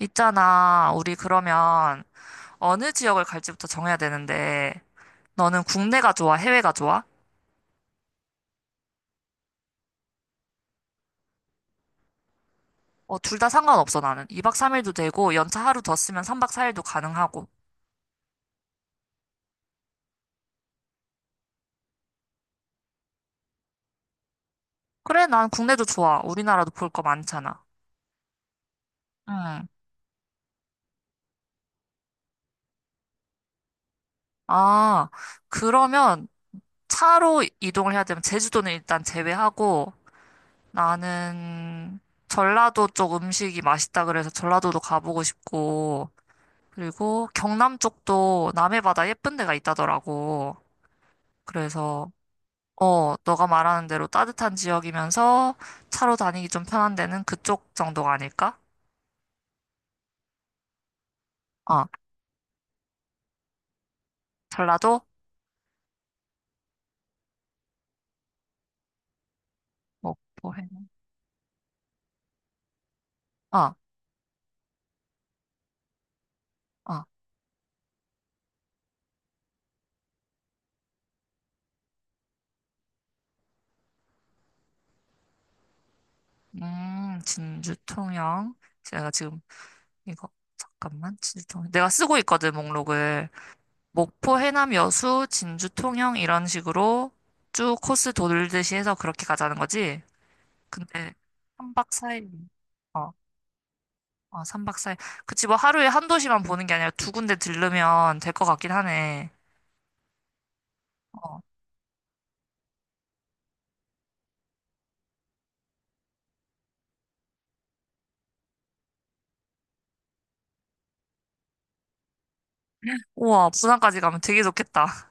있잖아, 우리 그러면 어느 지역을 갈지부터 정해야 되는데, 너는 국내가 좋아, 해외가 좋아? 어, 둘 다 상관없어, 나는. 2박 3일도 되고, 연차 하루 더 쓰면 3박 4일도 가능하고. 그래, 난 국내도 좋아. 우리나라도 볼 거 많잖아. 응. 아, 그러면 차로 이동을 해야 되면 제주도는 일단 제외하고, 나는 전라도 쪽 음식이 맛있다 그래서 전라도도 가보고 싶고, 그리고 경남 쪽도 남해 바다 예쁜 데가 있다더라고. 그래서, 어, 너가 말하는 대로 따뜻한 지역이면서 차로 다니기 좀 편한 데는 그쪽 정도가 아닐까? 어, 전라도? 뭐, 포 해? 어, 어. 진주 통영. 제가 지금 이거, 잠깐만, 진주 통영. 내가 쓰고 있거든, 목록을. 목포, 해남, 여수, 진주 통영, 이런 식으로 쭉 코스 돌듯이 해서 그렇게 가자는 거지? 근데, 한박사일 삼박사일. 그치, 뭐 하루에 한 도시만 보는 게 아니라 두 군데 들르면 될 것 같긴 하네. 어. 우와, 부산까지 가면 되게 좋겠다.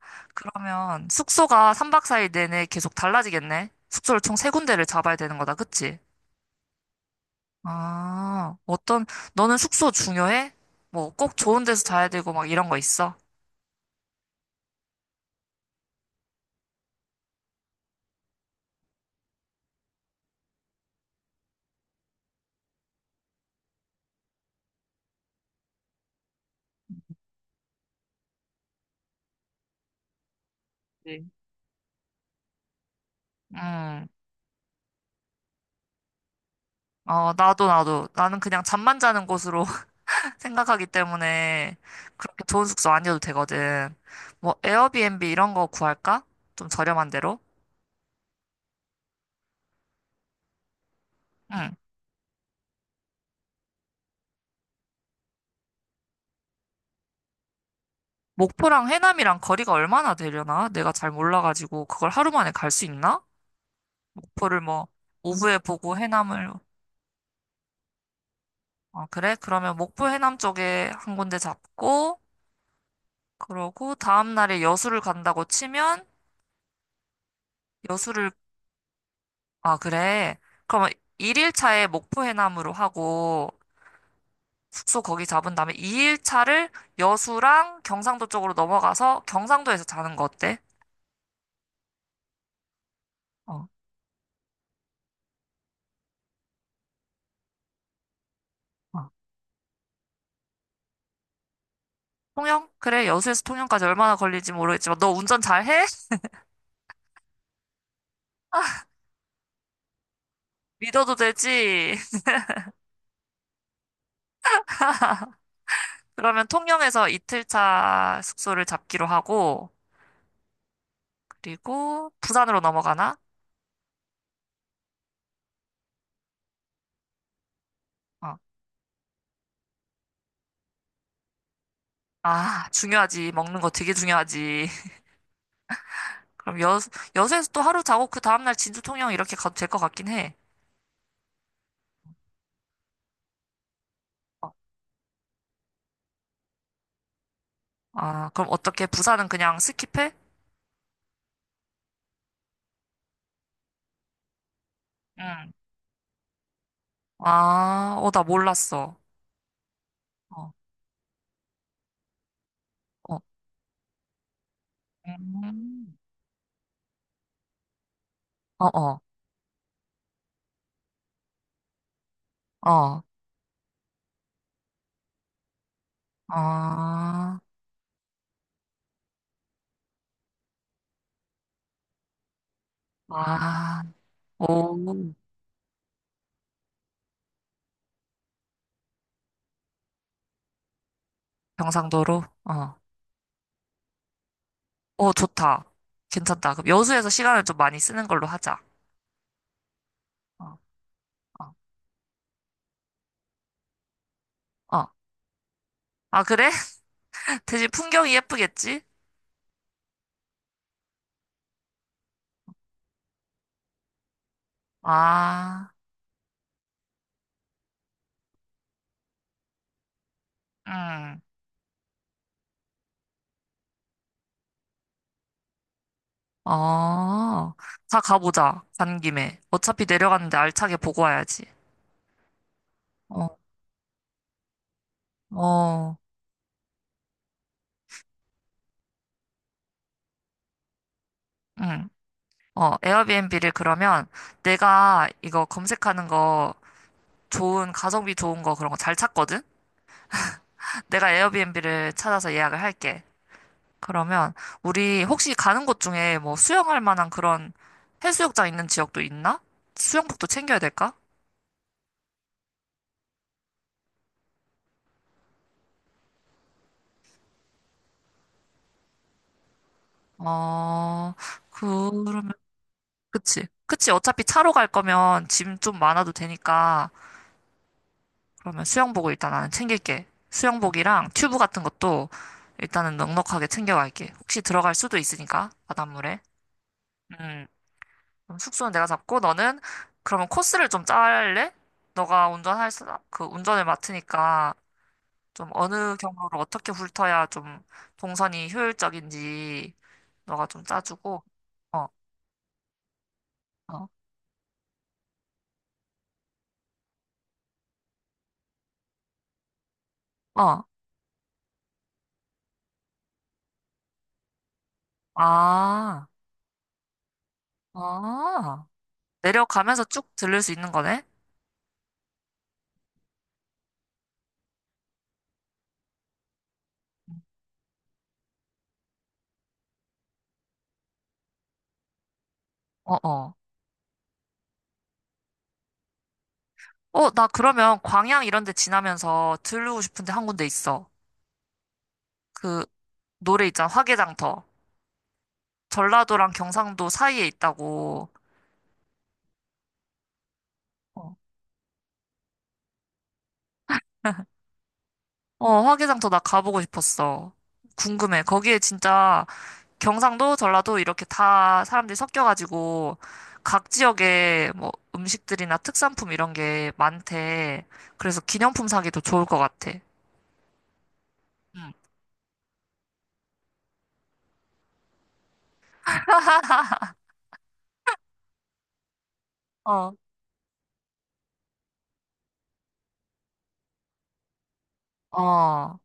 그러면 숙소가 3박 4일 내내 계속 달라지겠네? 숙소를 총 세 군데를 잡아야 되는 거다, 그치? 아, 너는 숙소 중요해? 뭐 꼭 좋은 데서 자야 되고 막 이런 거 있어? 네. 음, 나도, 나도. 나는 그냥 잠만 자는 곳으로 생각하기 때문에 그렇게 좋은 숙소 아니어도 되거든. 뭐 에어비앤비 이런 거 구할까? 좀 저렴한 데로? 응. 목포랑 해남이랑 거리가 얼마나 되려나? 내가 잘 몰라가지고 그걸 하루 만에 갈 수 있나? 목포를 뭐 오후에 보고 해남을. 아 그래? 그러면 목포 해남 쪽에 한 군데 잡고 그러고 다음 날에 여수를 간다고 치면. 여수를. 아 그래. 그러면 일일차에 목포 해남으로 하고 숙소 거기 잡은 다음에 2일차를 여수랑 경상도 쪽으로 넘어가서 경상도에서 자는 거 어때? 어. 어. 통영? 그래, 여수에서 통영까지 얼마나 걸릴지 모르겠지만, 너 운전 잘해? 믿어도 되지? 그러면 통영에서 이틀차 숙소를 잡기로 하고, 그리고 부산으로 넘어가나? 어. 아, 중요하지. 먹는 거 되게 중요하지. 그럼 여수에서 또 하루 자고, 그 다음날 진주 통영 이렇게 가도 될 것 같긴 해. 어. 아, 그럼 어떻게? 부산은 그냥 스킵해? 응. 아, 나 몰랐어. 어, 어, 음. 어, 어, 어, 아, 아, 오, 경상도로? 어, 어, 좋다. 괜찮다. 그럼 여수에서 시간을 좀 많이 쓰는 걸로 하자. 어, 어, 어. 아, 그래? 대신 풍경이 예쁘겠지? 아, 음, 어, 다 가보자. 간 김에. 어차피 내려갔는데 알차게 보고 와야지. 어, 어, 응. 어, 에어비앤비를 그러면 내가 이거 검색하는 거 좋은, 가성비 좋은 거 그런 거 잘 찾거든? 내가 에어비앤비를 찾아서 예약을 할게. 그러면 우리 혹시 가는 곳 중에 뭐 수영할 만한 그런 해수욕장 있는 지역도 있나? 수영복도 챙겨야 될까? 어, 그러면, 그치. 그치. 어차피 차로 갈 거면 짐 좀 많아도 되니까. 그러면 수영복을 일단 나는 챙길게. 수영복이랑 튜브 같은 것도 일단은 넉넉하게 챙겨갈게. 혹시 들어갈 수도 있으니까, 바닷물에. 음, 그럼 숙소는 내가 잡고, 너는 그러면 코스를 좀 짤래? 너가 운전할, 그 운전을 맡으니까 좀 어느 경로로 어떻게 훑어야 좀 동선이 효율적인지 너가 좀 짜주고, 어, 어, 어, 아, 아, 내려가면서 쭉 들릴 수 있는 거네? 어, 어. 어, 나 그러면 광양 이런 데 지나면서 들르고 싶은 데 한 군데 있어. 그 노래 있잖아, 화개장터. 전라도랑 경상도 사이에 있다고. 어. 어, 화개장터 나 가보고 싶었어. 궁금해. 거기에 진짜 경상도, 전라도 이렇게 다 사람들이 섞여가지고 각 지역에 뭐 음식들이나 특산품 이런 게 많대. 그래서 기념품 사기도 좋을 것 같아. 응. 어, 어,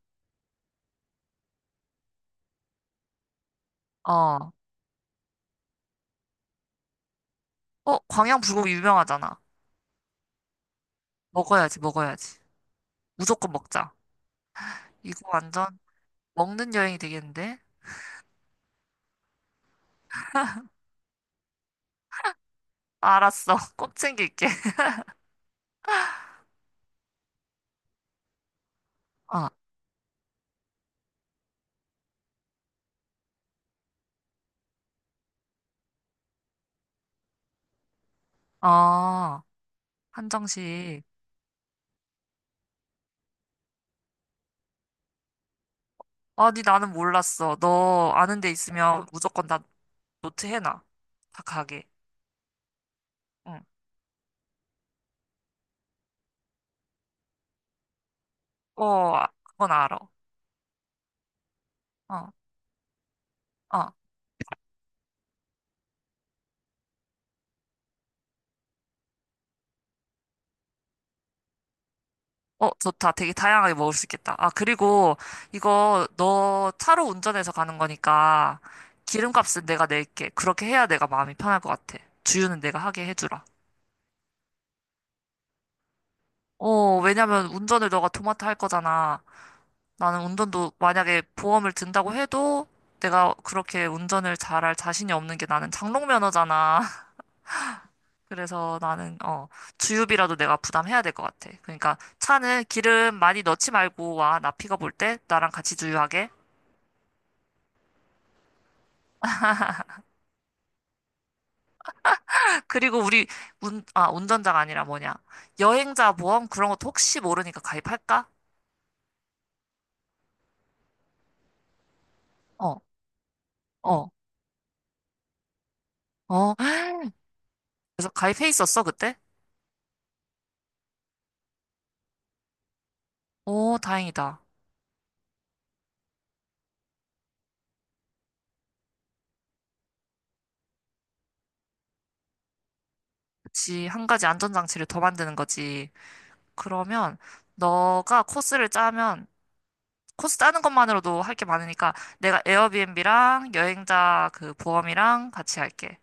어. 어, 광양 불고기 유명하잖아. 먹어야지, 먹어야지. 무조건 먹자. 이거 완전 먹는 여행이 되겠는데? 알았어. 꼭 챙길게. 아, 아, 한정식. 아니, 나는 몰랐어. 너 아는 데 있으면 무조건 나 노트 해놔. 다 가게. 응. 어, 아, 그건 알아. 어, 어. 어, 좋다. 되게 다양하게 먹을 수 있겠다. 아, 그리고 이거 너 차로 운전해서 가는 거니까 기름값은 내가 낼게. 그렇게 해야 내가 마음이 편할 것 같아. 주유는 내가 하게 해주라. 어, 왜냐면 운전을 너가 도맡아 할 거잖아. 나는 운전도 만약에 보험을 든다고 해도 내가 그렇게 운전을 잘할 자신이 없는 게 나는 장롱 면허잖아. 그래서 나는 주유비라도 내가 부담해야 될 것 같아. 그러니까 차는 기름 많이 넣지 말고 와. 나 픽업 올 때 나랑 같이 주유하게. 그리고 우리 운전자가 아니라 뭐냐. 여행자 보험 그런 것도 혹시 모르니까 가입할까? 어, 어, 어. 그래서 가입해 있었어, 그때? 오, 다행이다. 그치, 한 가지 안전장치를 더 만드는 거지. 그러면 너가 코스를 짜면 코스 짜는 것만으로도 할 게 많으니까 내가 에어비앤비랑 여행자 그 보험이랑 같이 할게.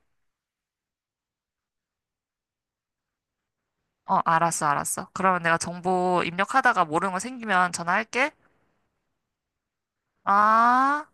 어, 알았어, 알았어. 그러면 내가 정보 입력하다가 모르는 거 생기면 전화할게. 아.